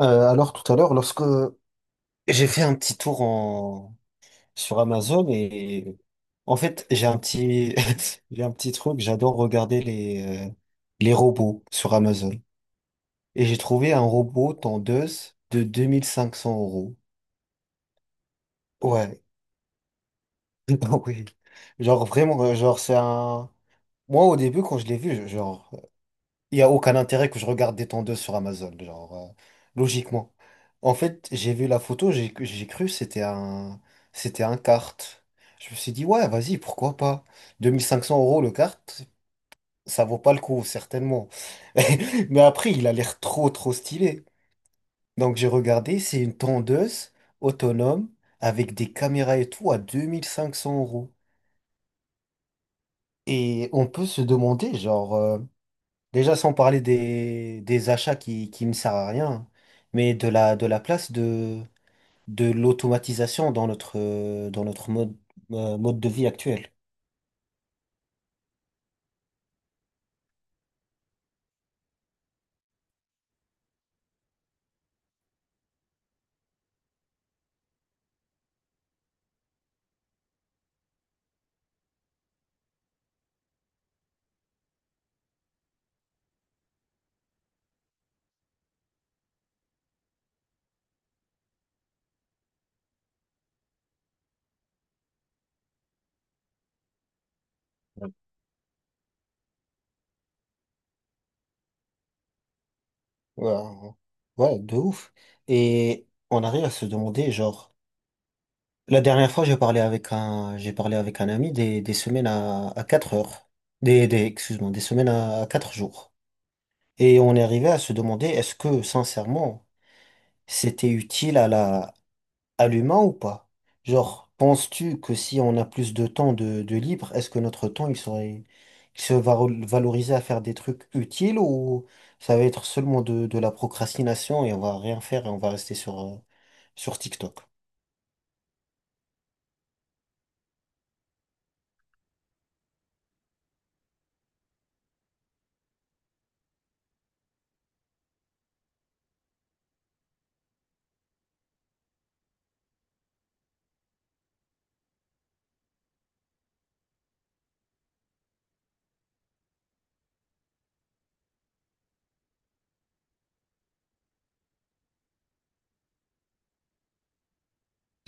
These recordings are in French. Alors tout à l'heure, lorsque j'ai fait un petit tour sur Amazon et en fait j'ai un petit j'ai un petit truc, j'adore regarder les les robots sur Amazon et j'ai trouvé un robot tendeuse de 2500 euros. Ouais, ah oui, genre vraiment, genre c'est un. Moi au début quand je l'ai vu, genre il y a aucun intérêt que je regarde des tondeuses sur Amazon, genre, logiquement. En fait, j'ai vu la photo, j'ai cru que c'était un kart. Je me suis dit, ouais, vas-y, pourquoi pas? 2500 euros le kart, ça vaut pas le coup, certainement. Mais après, il a l'air trop, trop stylé. Donc j'ai regardé, c'est une tondeuse autonome avec des caméras et tout à 2500 euros. Et on peut se demander, genre, déjà, sans parler des achats qui ne servent à rien, hein, mais de la place de l'automatisation dans notre dans notre mode de vie actuel. Ouais, ouais, de ouf. Et on arrive à se demander, genre, la dernière fois, j'ai parlé avec un ami des semaines à 4 heures. Excuse-moi, des semaines à 4 jours. Et on est arrivé à se demander, est-ce que, sincèrement, c'était utile à la, allumant ou pas? Genre, penses-tu que si on a plus de temps de libre, est-ce que notre temps il serait, il se va valoriser à faire des trucs utiles ou ça va être seulement de la procrastination et on va rien faire et on va rester sur, sur TikTok?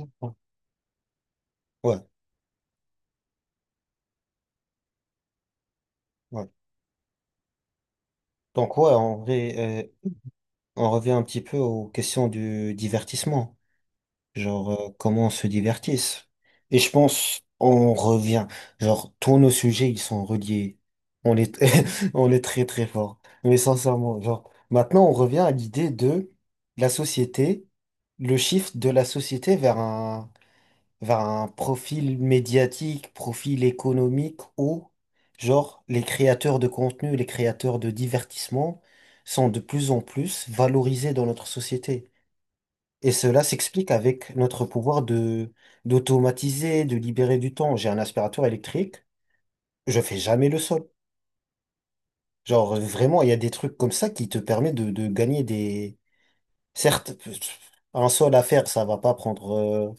Ouais, ouais, ouais. Donc ouais, en vrai, euh, on revient un petit peu aux questions du divertissement. Genre comment on se divertisse. Et je pense on revient, genre tous nos sujets ils sont reliés. On est on est très très fort. Mais sincèrement, genre maintenant on revient à l'idée de la société, le shift de la société vers un profil médiatique, profil économique où genre les créateurs de contenu, les créateurs de divertissement sont de plus en plus valorisés dans notre société. Et cela s'explique avec notre pouvoir de d'automatiser, de libérer du temps. J'ai un aspirateur électrique, je fais jamais le sol. Genre vraiment, il y a des trucs comme ça qui te permettent de gagner certes, un sol à faire, ça va pas prendre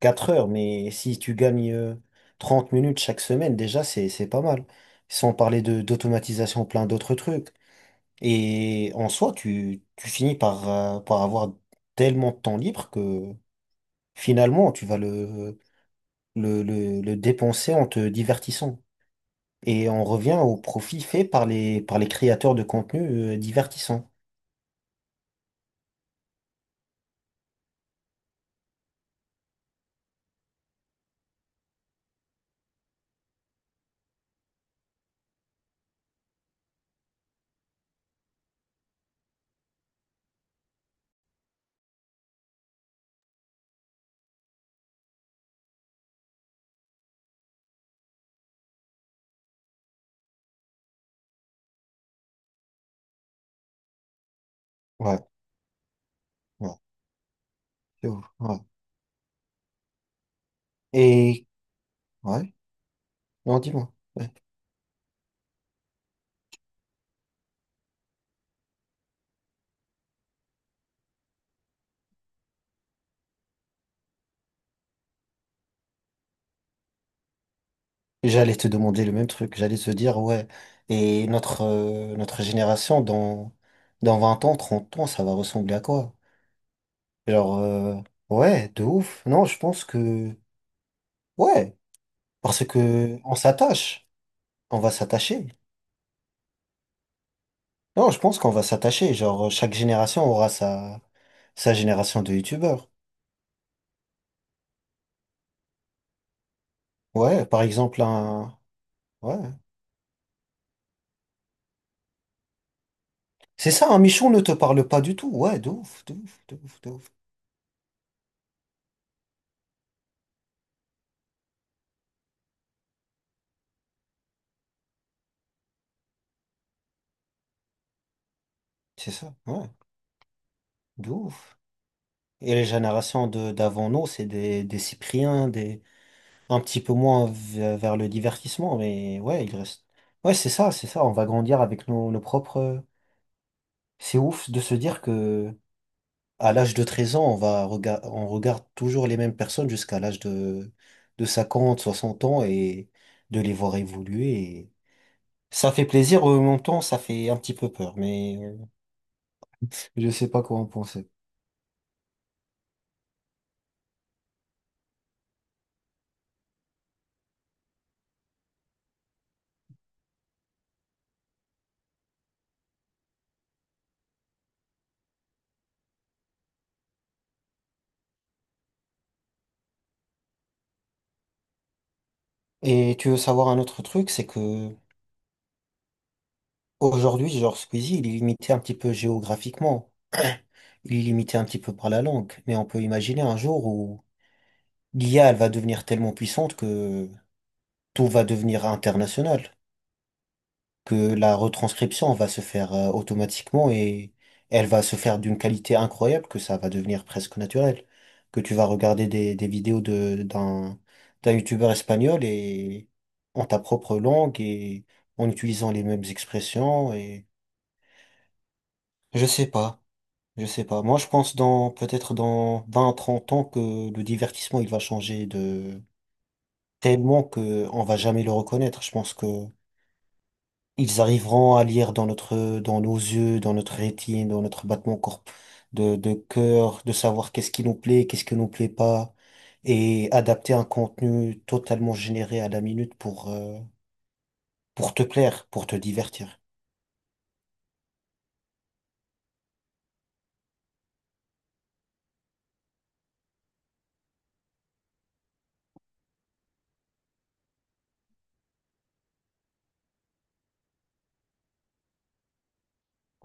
4 heures, mais si tu gagnes 30 minutes chaque semaine, déjà, c'est pas mal. Sans parler de d'automatisation, plein d'autres trucs. Et en soi, tu finis par, par avoir tellement de temps libre que finalement, tu vas le dépenser en te divertissant. Et on revient au profit fait par les créateurs de contenu divertissant. Ouais, ouais, c'est ouf, ouais. Et, ouais, non, dis-moi. Ouais. J'allais te demander le même truc. J'allais te dire, ouais, et notre, notre génération, dans, dans 20 ans, 30 ans, ça va ressembler à quoi? Genre, ouais, de ouf. Non, je pense que, ouais, parce que on s'attache. On va s'attacher. Non, je pense qu'on va s'attacher. Genre, chaque génération aura sa, sa génération de youtubeurs. Ouais, par exemple, un... Ouais. C'est ça, un Michon ne te parle pas du tout. Ouais, de ouf, de ouf, de ouf, de ouf. C'est ça, ouais, de ouf. Et les générations de d'avant nous, c'est des Cypriens, des... un petit peu moins vers le divertissement, mais ouais, il reste... Ouais, c'est ça, on va grandir avec nos, nos propres... C'est ouf de se dire que à l'âge de 13 ans, on regarde toujours les mêmes personnes jusqu'à l'âge de 50 60 ans et de les voir évoluer. Ça fait plaisir, en même temps, ça fait un petit peu peur, mais je sais pas quoi en penser. Et tu veux savoir un autre truc, c'est que aujourd'hui, genre Squeezie, il est limité un petit peu géographiquement, il est limité un petit peu par la langue, mais on peut imaginer un jour où l'IA, elle va devenir tellement puissante que tout va devenir international. Que la retranscription va se faire automatiquement et elle va se faire d'une qualité incroyable que ça va devenir presque naturel. Que tu vas regarder des vidéos d'un youtubeur espagnol et en ta propre langue et en utilisant les mêmes expressions et je sais pas, je sais pas. Moi, je pense dans, peut-être dans 20 30 ans que le divertissement, il va changer de tellement que on va jamais le reconnaître. Je pense que ils arriveront à lire dans notre, dans nos yeux, dans notre rétine, dans notre battement corp de cœur, de savoir qu'est-ce qui nous plaît, qu'est-ce qui nous plaît pas, et adapter un contenu totalement généré à la minute pour te plaire, pour te divertir.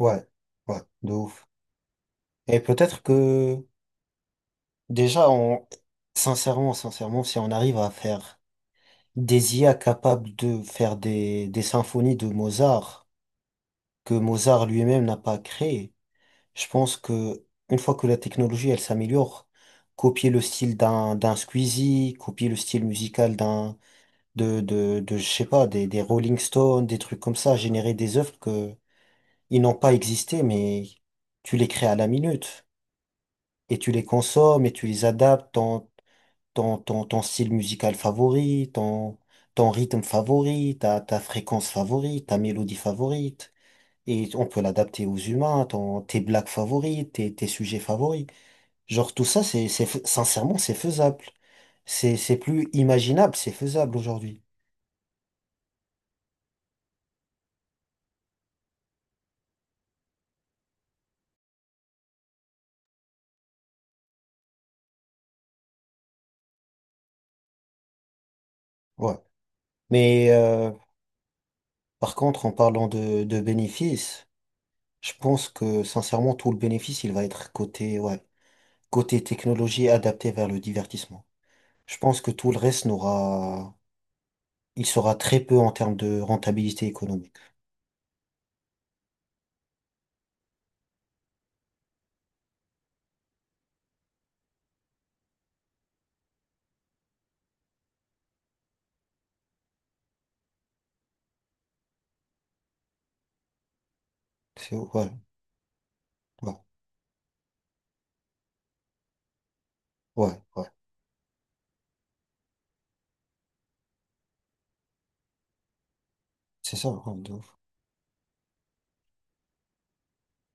Ouais, ouais, de ouf. Et peut-être que, déjà, on, sincèrement, sincèrement, si on arrive à faire des IA capables de faire des symphonies de Mozart, que Mozart lui-même n'a pas créées, je pense que une fois que la technologie elle s'améliore, copier le style d'un Squeezie, copier le style musical d'un de je sais pas des Rolling Stones, des trucs comme ça, générer des œuvres que ils n'ont pas existé mais tu les crées à la minute et tu les consommes et tu les adaptes ton ton style musical favori, ton rythme favori, ta fréquence favorite, ta mélodie favorite et on peut l'adapter aux humains, ton tes blagues favorites, tes sujets favoris. Genre tout ça, c'est, sincèrement, c'est faisable. C'est plus imaginable, c'est faisable aujourd'hui. Ouais. Mais par contre, en parlant de bénéfices, je pense que sincèrement, tout le bénéfice, il va être côté, ouais, côté technologie adaptée vers le divertissement. Je pense que tout le reste n'aura, il sera très peu en termes de rentabilité économique. C'est, ouais, ouais, ouais, ouais. C'est ça, hein, de ouf.